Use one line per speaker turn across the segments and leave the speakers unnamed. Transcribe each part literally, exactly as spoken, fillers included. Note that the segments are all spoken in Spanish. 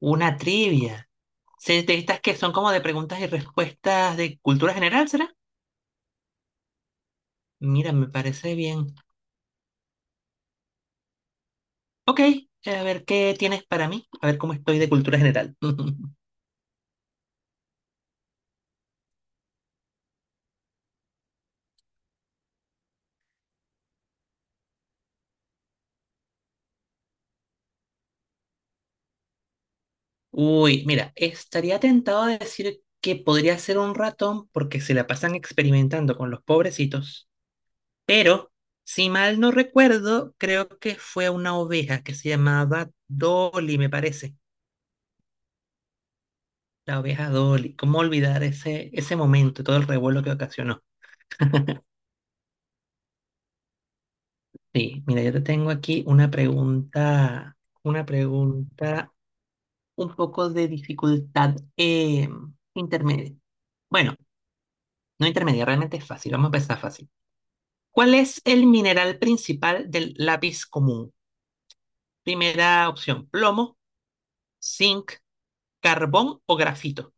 Una trivia. Se- De estas que son como de preguntas y respuestas de cultura general, ¿será? Mira, me parece bien. Ok, eh, a ver qué tienes para mí, a ver cómo estoy de cultura general. Uy, mira, estaría tentado de decir que podría ser un ratón porque se la pasan experimentando con los pobrecitos, pero si mal no recuerdo, creo que fue una oveja que se llamaba Dolly, me parece. La oveja Dolly. ¿Cómo olvidar ese, ese momento y todo el revuelo que ocasionó? Sí, mira, yo te tengo aquí una pregunta, una pregunta un poco de dificultad eh, intermedia. Bueno, no intermedia, realmente es fácil, vamos a empezar fácil. ¿Cuál es el mineral principal del lápiz común? Primera opción, plomo, zinc, carbón o grafito.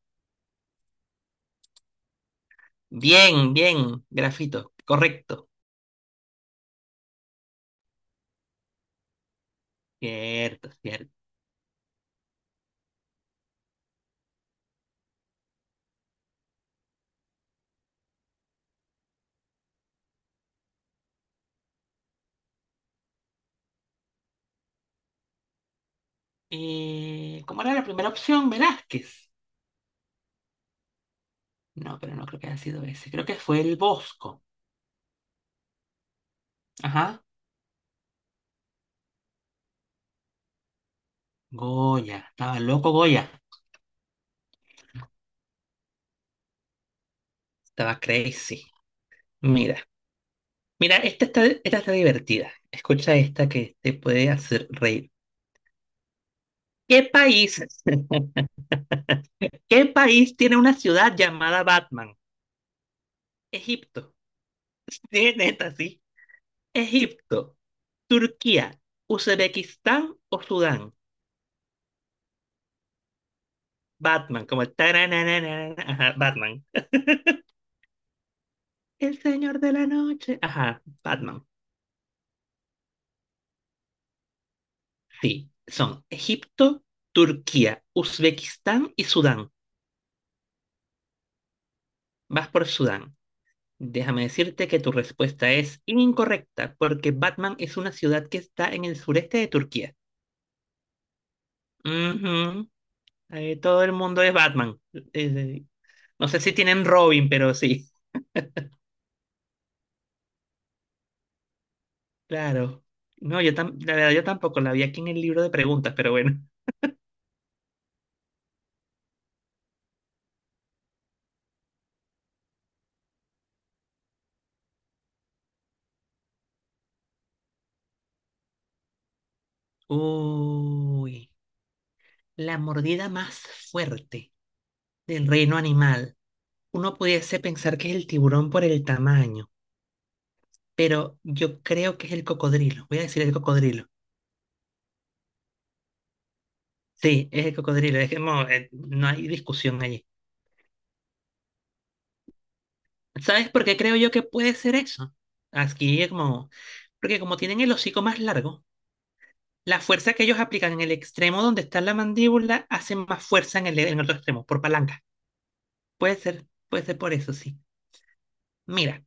Bien, bien, grafito, correcto. Cierto, cierto. Eh, ¿cómo era la primera opción? Velázquez. No, pero no creo que haya sido ese, creo que fue el Bosco. Ajá. Goya, estaba loco Goya, estaba crazy. Mira, mira, esta está, esta está divertida. Escucha esta que te puede hacer reír. ¿Qué país, qué país tiene una ciudad llamada Batman? Egipto. Sí, neta, sí. Egipto, Turquía, Uzbekistán o Sudán. Batman, como tarananana, ajá, Batman. El señor de la noche. Ajá, Batman. Sí, son Egipto, Turquía, Uzbekistán y Sudán. Vas por Sudán. Déjame decirte que tu respuesta es incorrecta, porque Batman es una ciudad que está en el sureste de Turquía. Ujú. Eh, todo el mundo es Batman. Eh, no sé si tienen Robin, pero sí. Claro. No, yo tam- la verdad yo tampoco la vi aquí en el libro de preguntas, pero bueno. Uy, la mordida más fuerte del reino animal. Uno pudiese pensar que es el tiburón por el tamaño, pero yo creo que es el cocodrilo. Voy a decir el cocodrilo. Sí, es el cocodrilo, es que mo- eh, no hay discusión allí. ¿Sabes por qué creo yo que puede ser eso? Aquí es como, porque como tienen el hocico más largo, la fuerza que ellos aplican en el extremo donde está la mandíbula hace más fuerza en el, en el otro extremo, por palanca. Puede ser, puede ser por eso, sí. Mira,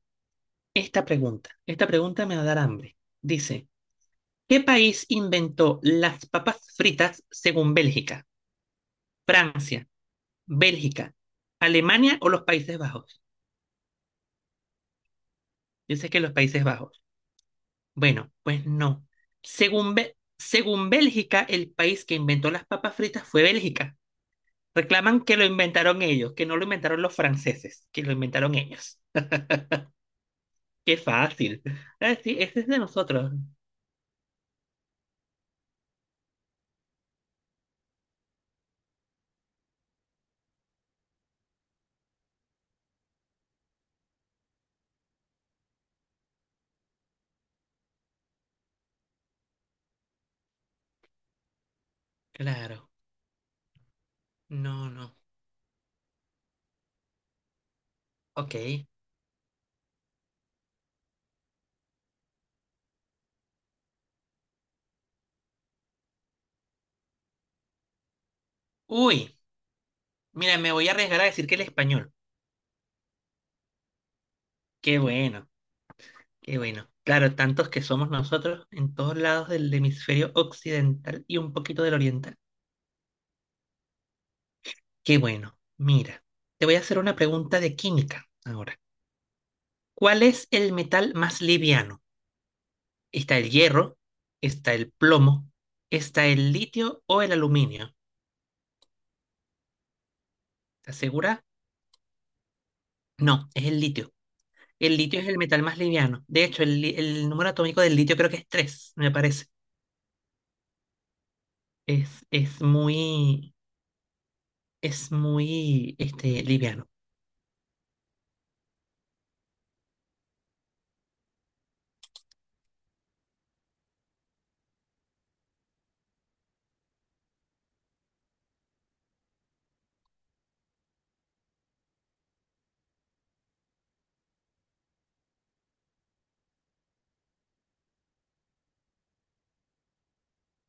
esta pregunta, esta pregunta me va a dar hambre. Dice, ¿qué país inventó las papas fritas según Bélgica? Francia, Bélgica, Alemania o los Países Bajos? Dice que los Países Bajos. Bueno, pues no. Según, Be- según Bélgica, el país que inventó las papas fritas fue Bélgica. Reclaman que lo inventaron ellos, que no lo inventaron los franceses, que lo inventaron ellos. Qué fácil. Ah, sí, ese es de nosotros. Claro. No, no. Ok. Uy, mira, me voy a arriesgar a decir que el español. Qué bueno, qué bueno. Claro, tantos que somos nosotros en todos lados del hemisferio occidental y un poquito del oriental. Qué bueno. Mira, te voy a hacer una pregunta de química ahora. ¿Cuál es el metal más liviano? ¿Está el hierro? ¿Está el plomo? ¿Está el litio o el aluminio? ¿Estás segura? No, es el litio. El litio es el metal más liviano. De hecho, el, li- el número atómico del litio creo que es tres. Me parece. Es, es muy, es muy, este, liviano.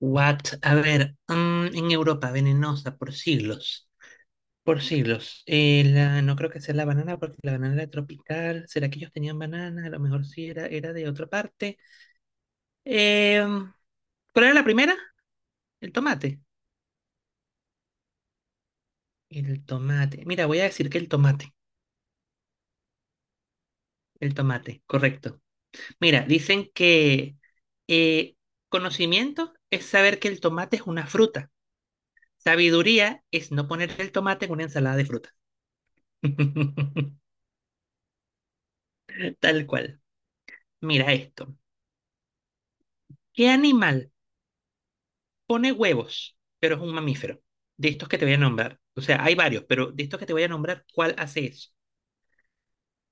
What? A ver, mm, en Europa, venenosa por siglos. Por siglos. Eh, la- no creo que sea la banana porque la banana era tropical. ¿Será que ellos tenían banana? A lo mejor sí era, era de otra parte. Em, ¿cuál era la primera? El tomate. El tomate. Mira, voy a decir que el tomate. El tomate, correcto. Mira, dicen que eh, conocimiento es saber que el tomate es una fruta. Sabiduría es no poner el tomate en una ensalada de fruta. Tal cual. Mira esto. ¿Qué animal pone huevos, pero es un mamífero? De estos que te voy a nombrar. O sea, hay varios, pero de estos que te voy a nombrar, ¿cuál hace eso?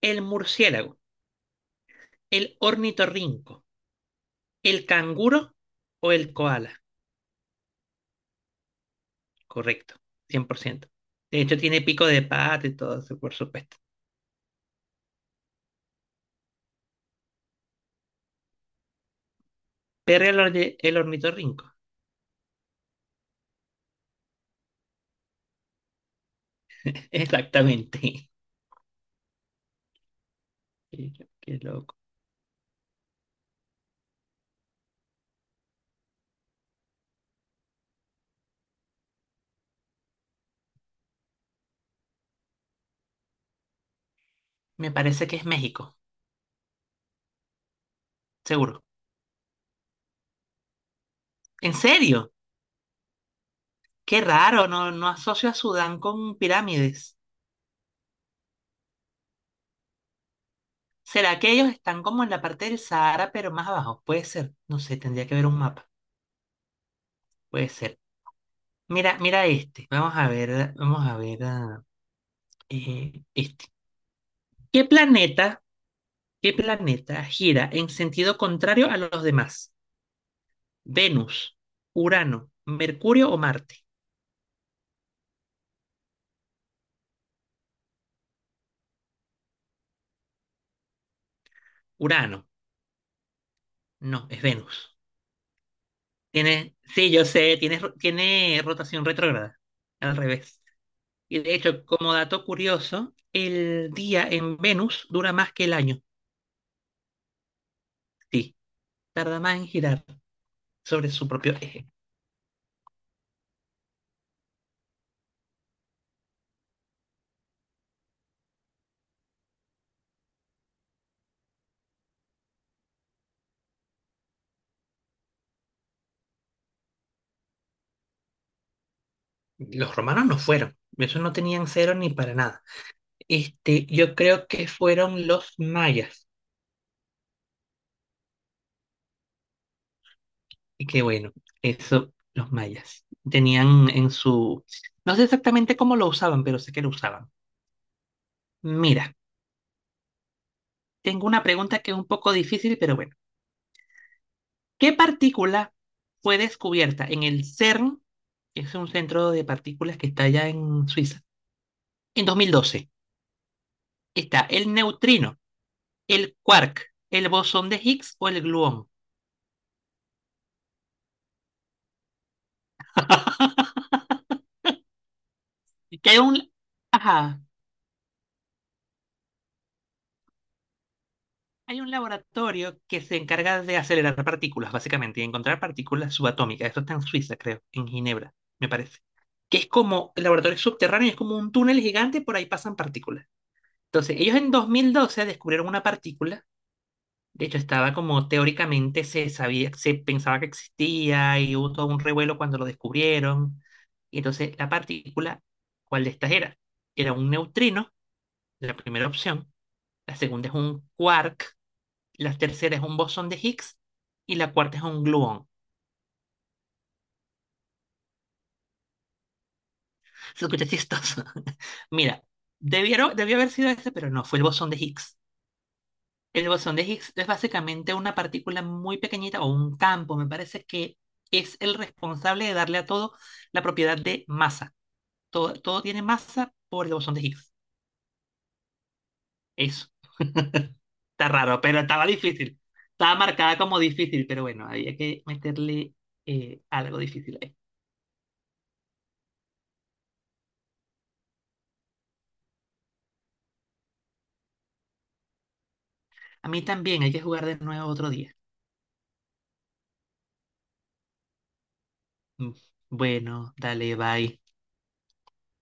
El murciélago, el ornitorrinco, ¿el canguro o el koala? Correcto, cien por ciento. De hecho, tiene pico de pato y todo eso, por supuesto. Pero el, orni- el ornitorrinco. Exactamente. Qué, qué loco. Me parece que es México, seguro. ¿En serio? Qué raro, no, no asocio a Sudán con pirámides. ¿Será que ellos están como en la parte del Sahara, pero más abajo? Puede ser. No sé, tendría que ver un mapa. Puede ser. Mira, mira este. Vamos a ver, vamos a ver ah, eh, este. ¿Qué planeta ¿Qué planeta gira en sentido contrario a los demás? Venus, Urano, Mercurio o Marte. Urano, no, es Venus. Tiene, sí, yo sé, tiene, ro- tiene rotación retrógrada, al revés. Y de hecho, como dato curioso, el día en Venus dura más que el año. Sí, tarda más en girar sobre su propio eje. Los romanos no fueron, esos no tenían cero ni para nada. Este, yo creo que fueron los mayas. Y que bueno, eso los mayas tenían en su... No sé exactamente cómo lo usaban, pero sé que lo usaban. Mira, tengo una pregunta que es un poco difícil, pero bueno. ¿Qué partícula fue descubierta en el CERN, que es un centro de partículas que está allá en Suiza, en dos mil doce? Está el neutrino, el quark, el bosón de Higgs o el gluón. Que hay un... Ajá, hay un laboratorio que se encarga de acelerar partículas, básicamente, y encontrar partículas subatómicas. Esto está en Suiza, creo, en Ginebra, me parece. Que es como el laboratorio es subterráneo, es como un túnel gigante, por ahí pasan partículas. Entonces, ellos en dos mil doce descubrieron una partícula. De hecho, estaba como teóricamente se sabía, se pensaba que existía y hubo todo un revuelo cuando lo descubrieron. Y entonces, la partícula, ¿cuál de estas era? Era un neutrino, la primera opción. La segunda es un quark, la tercera es un bosón de Higgs y la cuarta es un gluón. Se escucha chistoso. Mira, debieron, debió haber sido ese, pero no, fue el bosón de Higgs. El bosón de Higgs es básicamente una partícula muy pequeñita o un campo, me parece que es el responsable de darle a todo la propiedad de masa. Todo, todo tiene masa por el bosón de Higgs. Eso. Está raro, pero estaba difícil. Estaba marcada como difícil, pero bueno, había que meterle eh, algo difícil ahí. A mí también hay que jugar de nuevo otro día. Mm, Bueno, dale, bye.